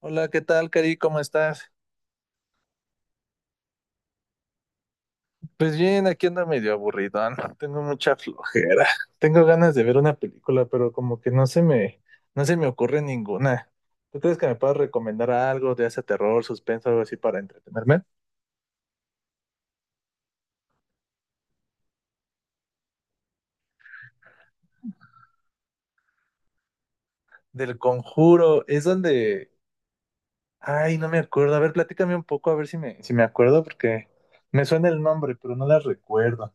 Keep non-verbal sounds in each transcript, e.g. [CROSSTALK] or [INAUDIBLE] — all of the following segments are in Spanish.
Hola, ¿qué tal, Cari? ¿Cómo estás? Pues bien, aquí ando medio aburridón. [LAUGHS] Tengo mucha flojera. Tengo ganas de ver una película, pero como que no se me ocurre ninguna. ¿Tú crees que me puedas recomendar algo de ese terror, suspenso, algo así para entretenerme? Del Conjuro, es donde... Ay, no me acuerdo. A ver, platícame un poco, a ver si me acuerdo, porque me suena el nombre, pero no la recuerdo.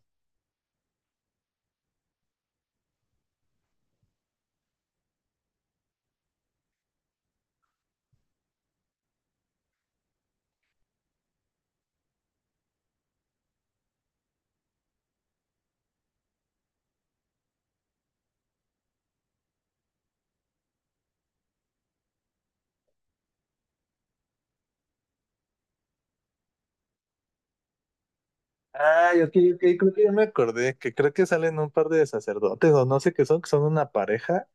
Ay, ok, ok, creo que ya me acordé, que creo que salen un par de sacerdotes, o no sé qué son, que son una pareja.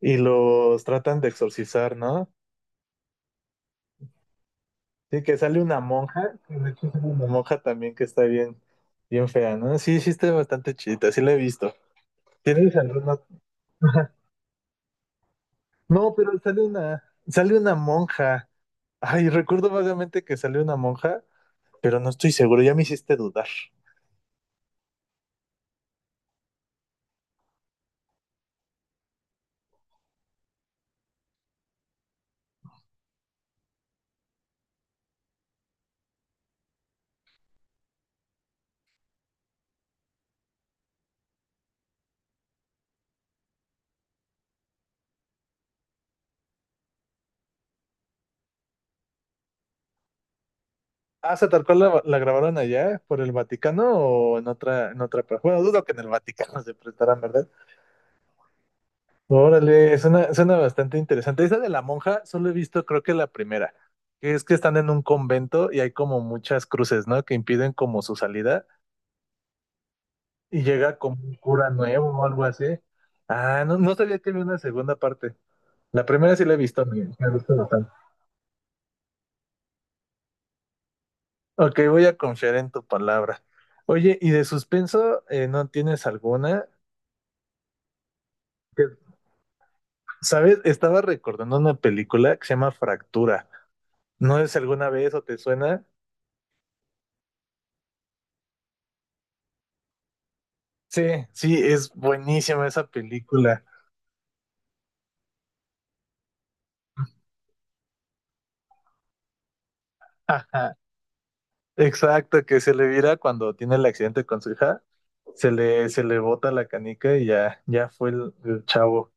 Y los tratan de exorcizar, ¿no? Sí, que sale una monja, que de hecho sale una monja también que está bien, bien fea, ¿no? Sí, sí está bastante chida, sí la he visto. ¿Tienes alguna? [LAUGHS] Ajá. No, pero sale una monja. Ay, recuerdo vagamente que salió una monja, pero no estoy seguro, ya me hiciste dudar. Ah, ¿se tal cual la grabaron allá por el Vaticano o en en otra? Bueno, dudo que en el Vaticano [LAUGHS] se prestaran, verdad. Órale, suena bastante interesante. Esa de la monja, solo he visto, creo que la primera, que es que están en un convento y hay como muchas cruces, ¿no? Que impiden como su salida y llega como un cura nuevo o algo así. Ah, no, no sabía que había una segunda parte. La primera sí la he visto, me gusta bastante. Ok, voy a confiar en tu palabra. Oye, ¿y de suspenso no tienes alguna? Que, ¿sabes? Estaba recordando una película que se llama Fractura. No sé si alguna vez o te suena. Sí, sí, es buenísima esa película. Ajá. Exacto, que se le vira cuando tiene el accidente con su hija, se le bota la canica y ya, ya fue el chavo.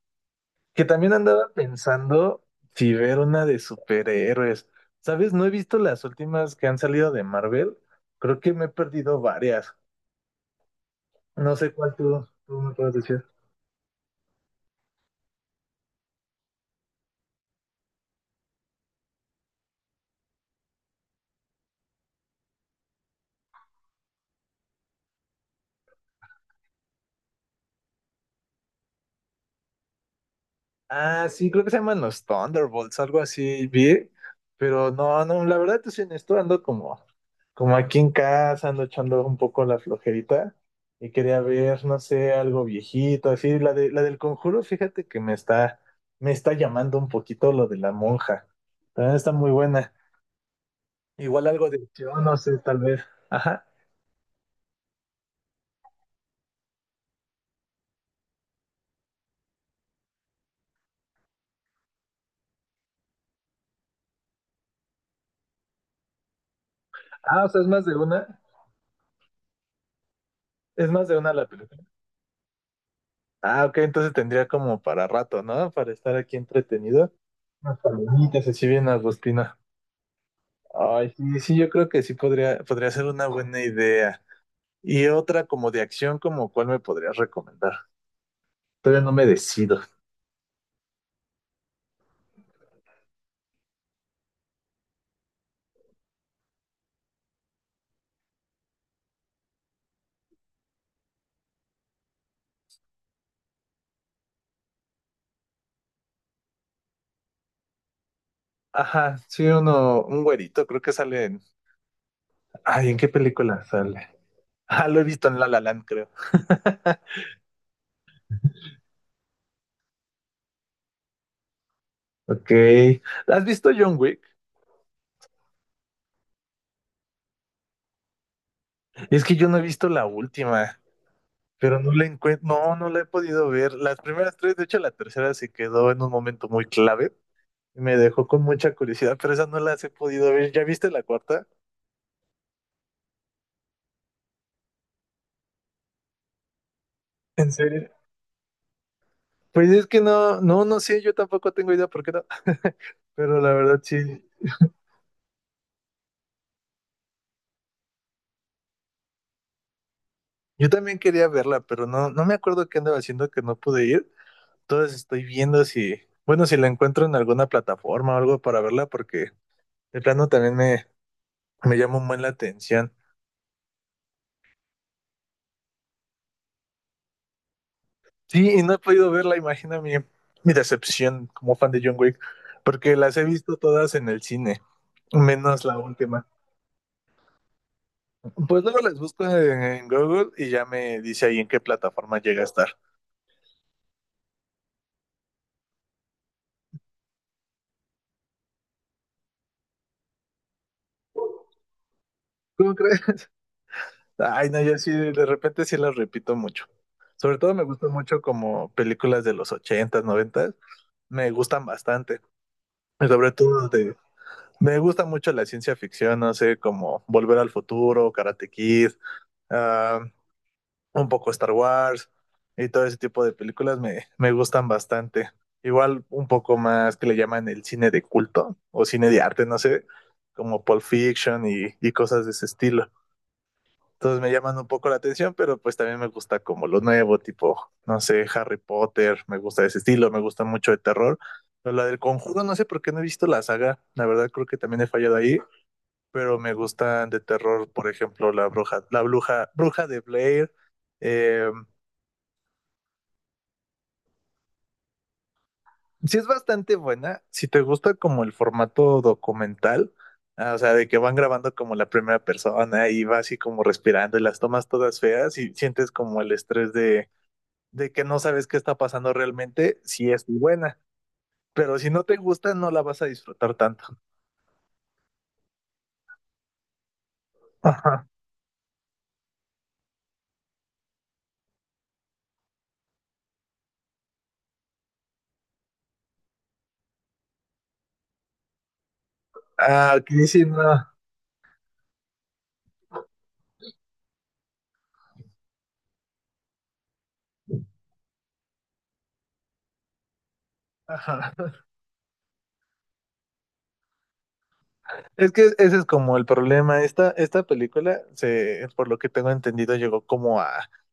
Que también andaba pensando si ver una de superhéroes. ¿Sabes? No he visto las últimas que han salido de Marvel. Creo que me he perdido varias. No sé cuál tú me puedes decir. Ah, sí, creo que se llaman los Thunderbolts, algo así, vi, pero no, no, la verdad, te soy honesto, ando como, como aquí en casa, ando echando un poco la flojerita y quería ver, no sé, algo viejito, así, la del Conjuro, fíjate que me está llamando un poquito lo de la monja, también está muy buena, igual algo de acción, no sé, tal vez, ajá, ah, o sea, es más de una la película, ah, ok, entonces tendría como para rato, ¿no? Para estar aquí entretenido. Unas palomitas así bien agostina. Ay, sí, sí, yo creo que sí podría ser una buena idea. Y otra como de acción, como cuál me podrías recomendar. Todavía no me decido. Ajá, sí, un güerito, creo que sale en... Ay, ¿en qué película sale? Ah, lo he visto en La La Land, creo. Ok. ¿Has visto John Wick? Es que yo no he visto la última, pero no la encuentro, no, no la he podido ver. Las primeras tres, de hecho, la tercera se quedó en un momento muy clave. Me dejó con mucha curiosidad, pero esas no las he podido ver. ¿Ya viste la cuarta? ¿En serio? Pues es que no, no, no sé, yo tampoco tengo idea por qué no. [LAUGHS] Pero la verdad sí, yo también quería verla, pero no, no me acuerdo qué andaba haciendo que no pude ir. Entonces estoy viendo si, bueno, si la encuentro en alguna plataforma o algo para verla, porque de plano también me llama un buen la atención. Sí, y no he podido verla, imagina mi decepción como fan de John Wick, porque las he visto todas en el cine, menos la última. Pues luego les busco en Google y ya me dice ahí en qué plataforma llega a estar. ¿Cómo crees? Ay, no, yo sí, de repente sí las repito mucho. Sobre todo me gustan mucho como películas de los ochentas, noventas, me gustan bastante. Y sobre todo de... Me gusta mucho la ciencia ficción, no sé, como Volver al Futuro, Karate Kid, ah, un poco Star Wars y todo ese tipo de películas me gustan bastante. Igual un poco más que le llaman el cine de culto o cine de arte, no sé, como Pulp Fiction y cosas de ese estilo. Entonces me llaman un poco la atención, pero pues también me gusta como lo nuevo, tipo, no sé, Harry Potter, me gusta ese estilo, me gusta mucho de terror. Pero la del Conjuro, no sé por qué no he visto la saga, la verdad creo que también he fallado ahí, pero me gustan de terror, por ejemplo, bruja de Blair, eh, sí, es bastante buena. Si te gusta como el formato documental, ah, o sea, de que van grabando como la primera persona y va así como respirando y las tomas todas feas y sientes como de que no sabes qué está pasando realmente, sí es muy buena. Pero si no te gusta, no la vas a disfrutar tanto. Ajá. Ah, aquí sí no. Ajá. Es que ese es como el problema. Esta película, se, por lo que tengo entendido, llegó como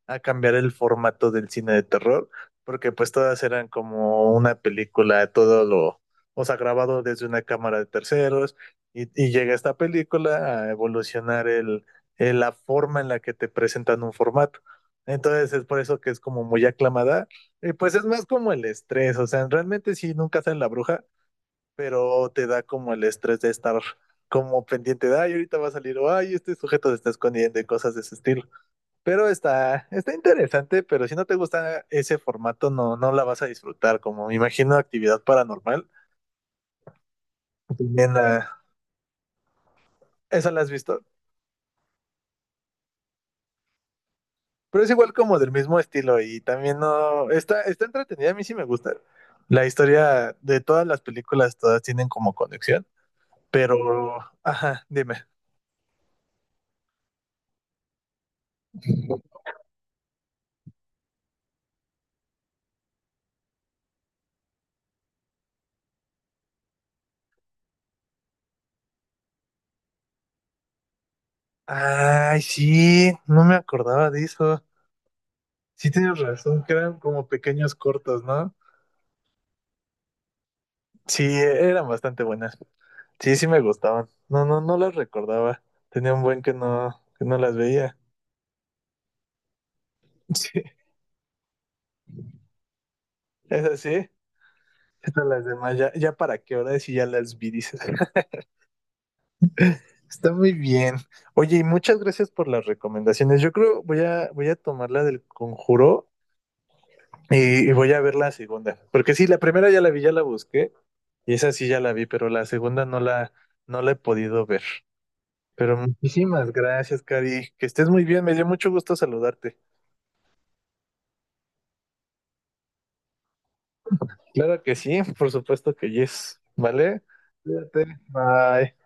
a cambiar el formato del cine de terror, porque pues todas eran como una película, todo lo, o sea, grabado desde una cámara de terceros, y llega esta película a evolucionar la forma en la que te presentan un formato. Entonces es por eso que es como muy aclamada. Y pues es más como el estrés, o sea, realmente si nunca sale la bruja, pero te da como el estrés de estar como pendiente de, ay, ahorita va a salir, o ay, este sujeto se está escondiendo y cosas de ese estilo. Pero está interesante, pero si no te gusta ese formato, no, no la vas a disfrutar, como me imagino actividad paranormal. También esa la has visto. Pero es igual como del mismo estilo y también no, está entretenida, a mí sí me gusta. La historia de todas las películas, todas tienen como conexión, pero, ajá, dime. Ay, sí, no me acordaba de eso. Sí tienes razón, que eran como pequeños cortos, ¿no? Sí, eran bastante buenas. Sí, sí me gustaban. No, no, no las recordaba. Tenía un buen que no las veía. [LAUGHS] Sí, esas sí. Estas las demás, ya, ya para qué hora si ya las vi, dices. [LAUGHS] Está muy bien. Oye, y muchas gracias por las recomendaciones. Yo creo voy a, voy a tomar la del Conjuro y voy a ver la segunda. Porque sí, la primera ya la vi, ya la busqué, y esa sí ya la vi, pero la segunda no la, no la he podido ver. Pero muchísimas gracias, Cari. Que estés muy bien. Me dio mucho gusto saludarte. Claro que sí, por supuesto que yes. ¿Vale? Cuídate. Bye.